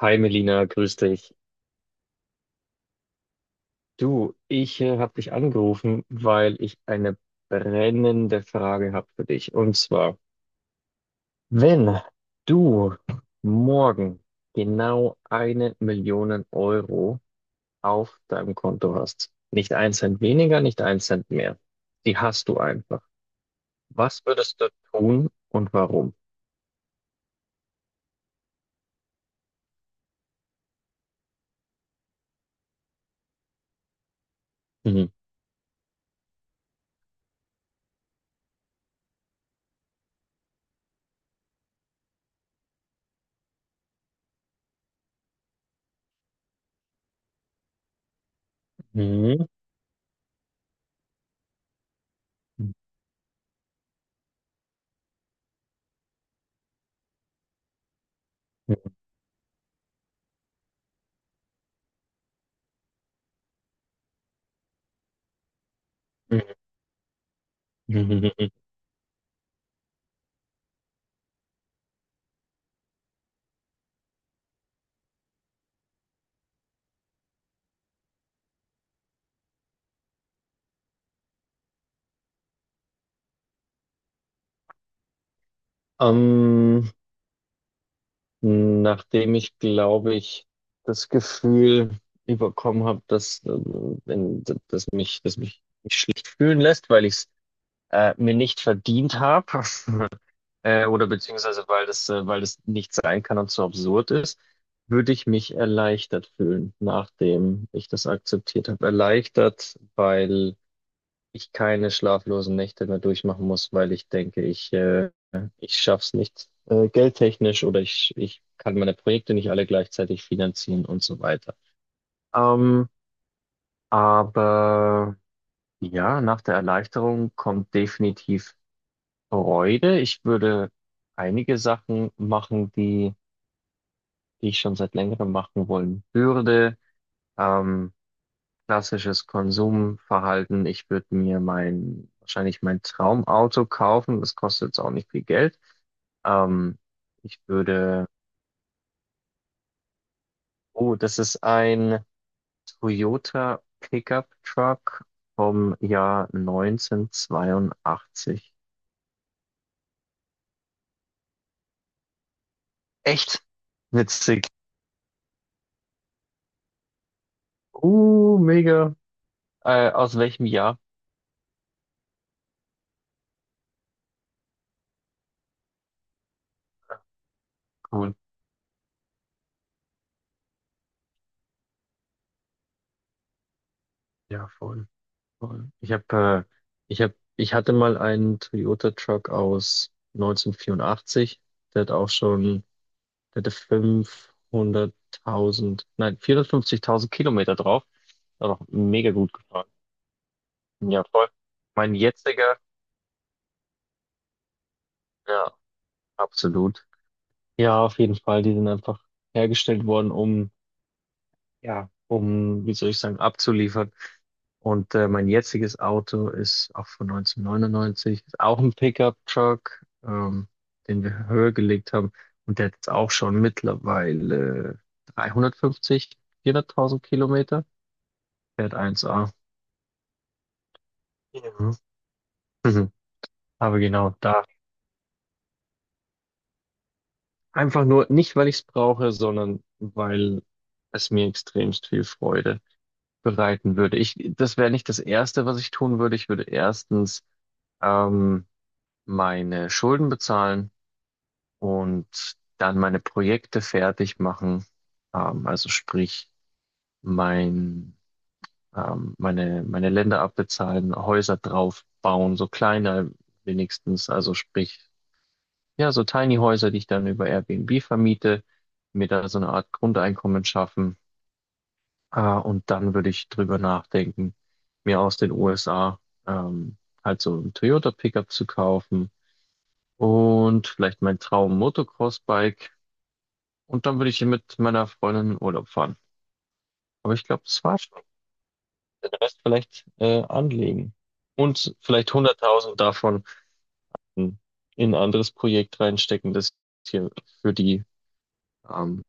Hi Melina, grüß dich. Du, ich habe dich angerufen, weil ich eine brennende Frage habe für dich. Und zwar, wenn du morgen genau eine Million Euro auf deinem Konto hast, nicht ein Cent weniger, nicht ein Cent mehr, die hast du einfach. Was würdest du tun und warum? Mhm. Mhm. Ähm, Nachdem ich, glaube ich, das Gefühl überkommen habe, dass mich nicht schlecht fühlen lässt, weil ich es mir nicht verdient habe, oder beziehungsweise weil das nicht sein kann und so absurd ist, würde ich mich erleichtert fühlen, nachdem ich das akzeptiert habe. Erleichtert, weil ich keine schlaflosen Nächte mehr durchmachen muss, weil ich denke, ich schaff's nicht geldtechnisch, oder ich kann meine Projekte nicht alle gleichzeitig finanzieren und so weiter. Ähm, aber ja, nach der Erleichterung kommt definitiv Freude. Ich würde einige Sachen machen, die ich schon seit längerem machen wollen würde. Ähm, Klassisches Konsumverhalten. Ich würde mir wahrscheinlich mein Traumauto kaufen. Das kostet jetzt auch nicht viel Geld. Ähm, ich würde, oh, das ist ein Toyota Pickup Truck vom Jahr 1982. Echt witzig. Mega. Aus welchem Jahr? Cool. Ja, voll. Voll. Ich habe, ich hab, ich hatte mal einen Toyota Truck aus 1984. Der hat auch schon, der hatte 500.000, nein, 450.000 Kilometer drauf. Hat auch mega gut gefahren. Ja, voll. Mein jetziger, ja, absolut. Ja, auf jeden Fall. Die sind einfach hergestellt worden, um, ja, um, wie soll ich sagen, abzuliefern. Und mein jetziges Auto ist auch von 1999, ist auch ein Pickup-Truck, den wir höher gelegt haben. Und der hat jetzt auch schon mittlerweile 350, 400.000 Kilometer. Fährt eins a. Mhm. Mhm. Aber genau da. Einfach nur nicht, weil ich es brauche, sondern weil es mir extremst viel Freude bereiten würde. Ich, das wäre nicht das Erste, was ich tun würde. Ich würde erstens ähm, meine Schulden bezahlen und dann meine Projekte fertig machen. Also sprich, mein, meine Länder abbezahlen, Häuser draufbauen, so kleine wenigstens. Also sprich, ja, so Tiny Häuser, die ich dann über Airbnb vermiete, mir da so eine Art Grundeinkommen schaffen. Und dann würde ich drüber nachdenken, mir aus den USA ähm, halt so ein Toyota Pickup zu kaufen. Und vielleicht mein Traum Motocross-Bike. Und dann würde ich hier mit meiner Freundin in Urlaub fahren. Aber ich glaube, das war's schon. Den Rest vielleicht anlegen. Und vielleicht 100.000 davon in in ein anderes Projekt reinstecken, das hier für die ähm,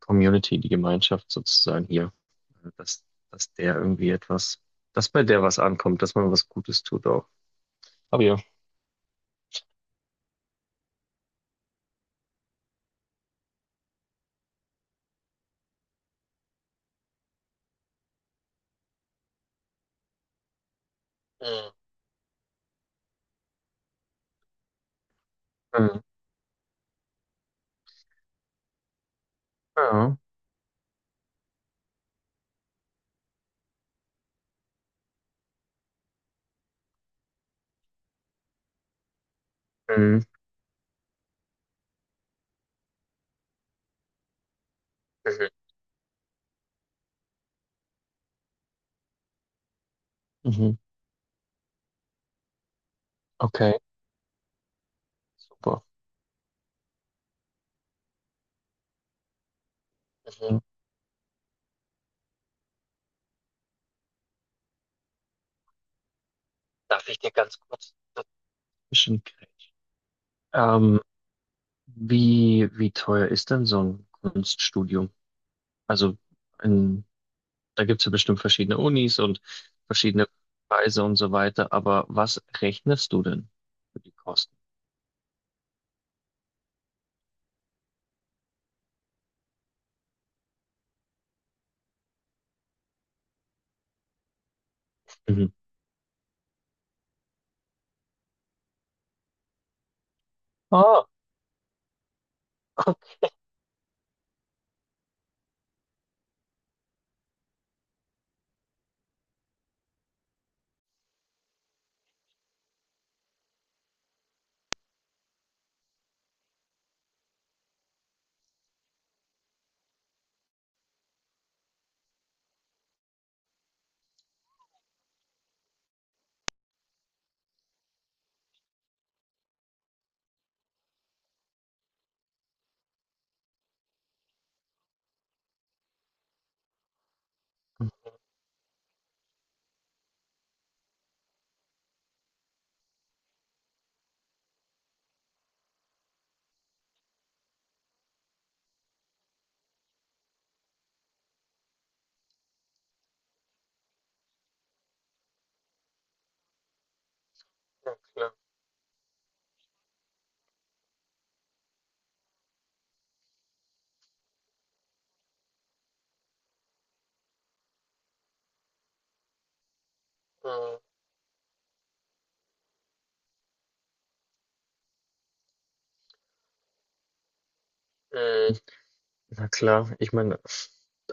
Community, die Gemeinschaft sozusagen hier, äh, dass, dass der irgendwie etwas, dass bei der was ankommt, dass man was Gutes tut auch. Aber ja. Mhm. Mhm. Ja. Mhm. Mhm. Mhm. Okay, super. Mhm. Darf ich dir ganz kurz dazwischen? Ähm, wie teuer ist denn so ein Kunststudium? Also in, da gibt es ja bestimmt verschiedene Unis und verschiedene Preise und so weiter, aber was rechnest du denn für die Kosten? Mhm. Ah, okay. Na klar. Äh, äh, Na klar, ich meine,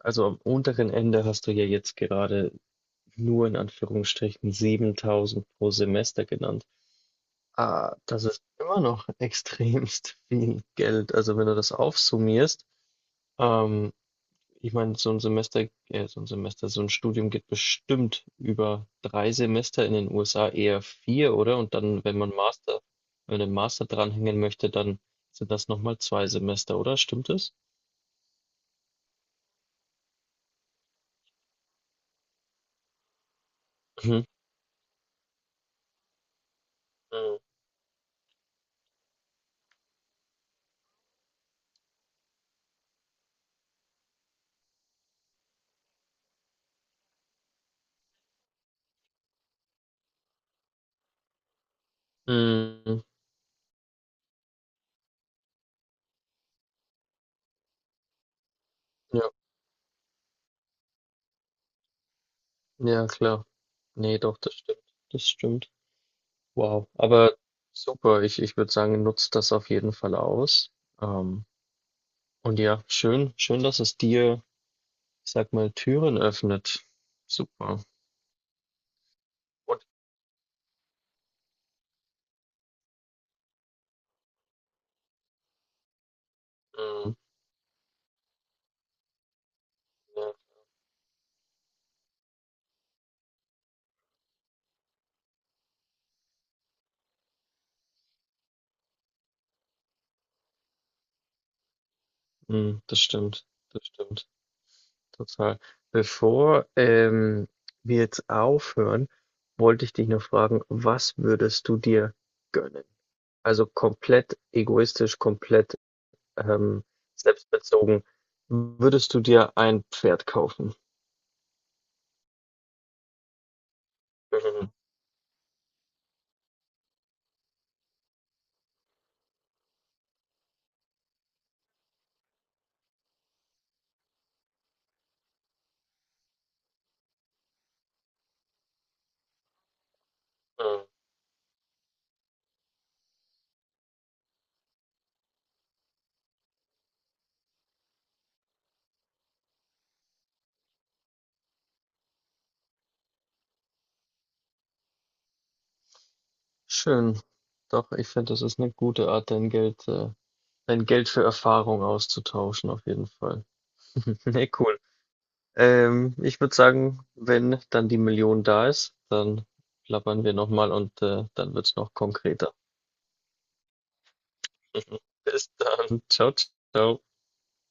also am unteren Ende hast du ja jetzt gerade nur in Anführungsstrichen 7.000 pro Semester genannt. Ah, das ist immer noch extremst viel Geld. Also wenn du das aufsummierst, Ähm, ich meine, so ein Studium geht bestimmt über drei Semester in den USA, eher vier, oder? Und dann, wenn man einen Master dranhängen möchte, dann sind das nochmal zwei Semester, oder? Stimmt es? Mhm. Mhm. Mhm. Ja, ja, klar. Nee, doch, das stimmt. Das stimmt. Wow. Aber super, ich würde sagen, nutzt das auf jeden Fall aus. Ähm, und ja, schön, schön, dass es dir, ich sag mal, Türen öffnet. Super. Mhm. Ja. Mhm. Das stimmt, total. Bevor wir jetzt aufhören, wollte ich dich noch fragen, was würdest du dir gönnen? Also komplett egoistisch, komplett ähm, selbstbezogen, würdest du dir ein Pferd kaufen? Mhm. Mhm. Schön. Doch, ich finde, das ist eine gute Art, dein Geld für Erfahrung auszutauschen, auf jeden Fall. Ne, cool. Ich würde sagen, wenn dann die Million da ist, dann plappern wir nochmal und dann wird's noch konkreter. Bis dann. Ciao, ciao.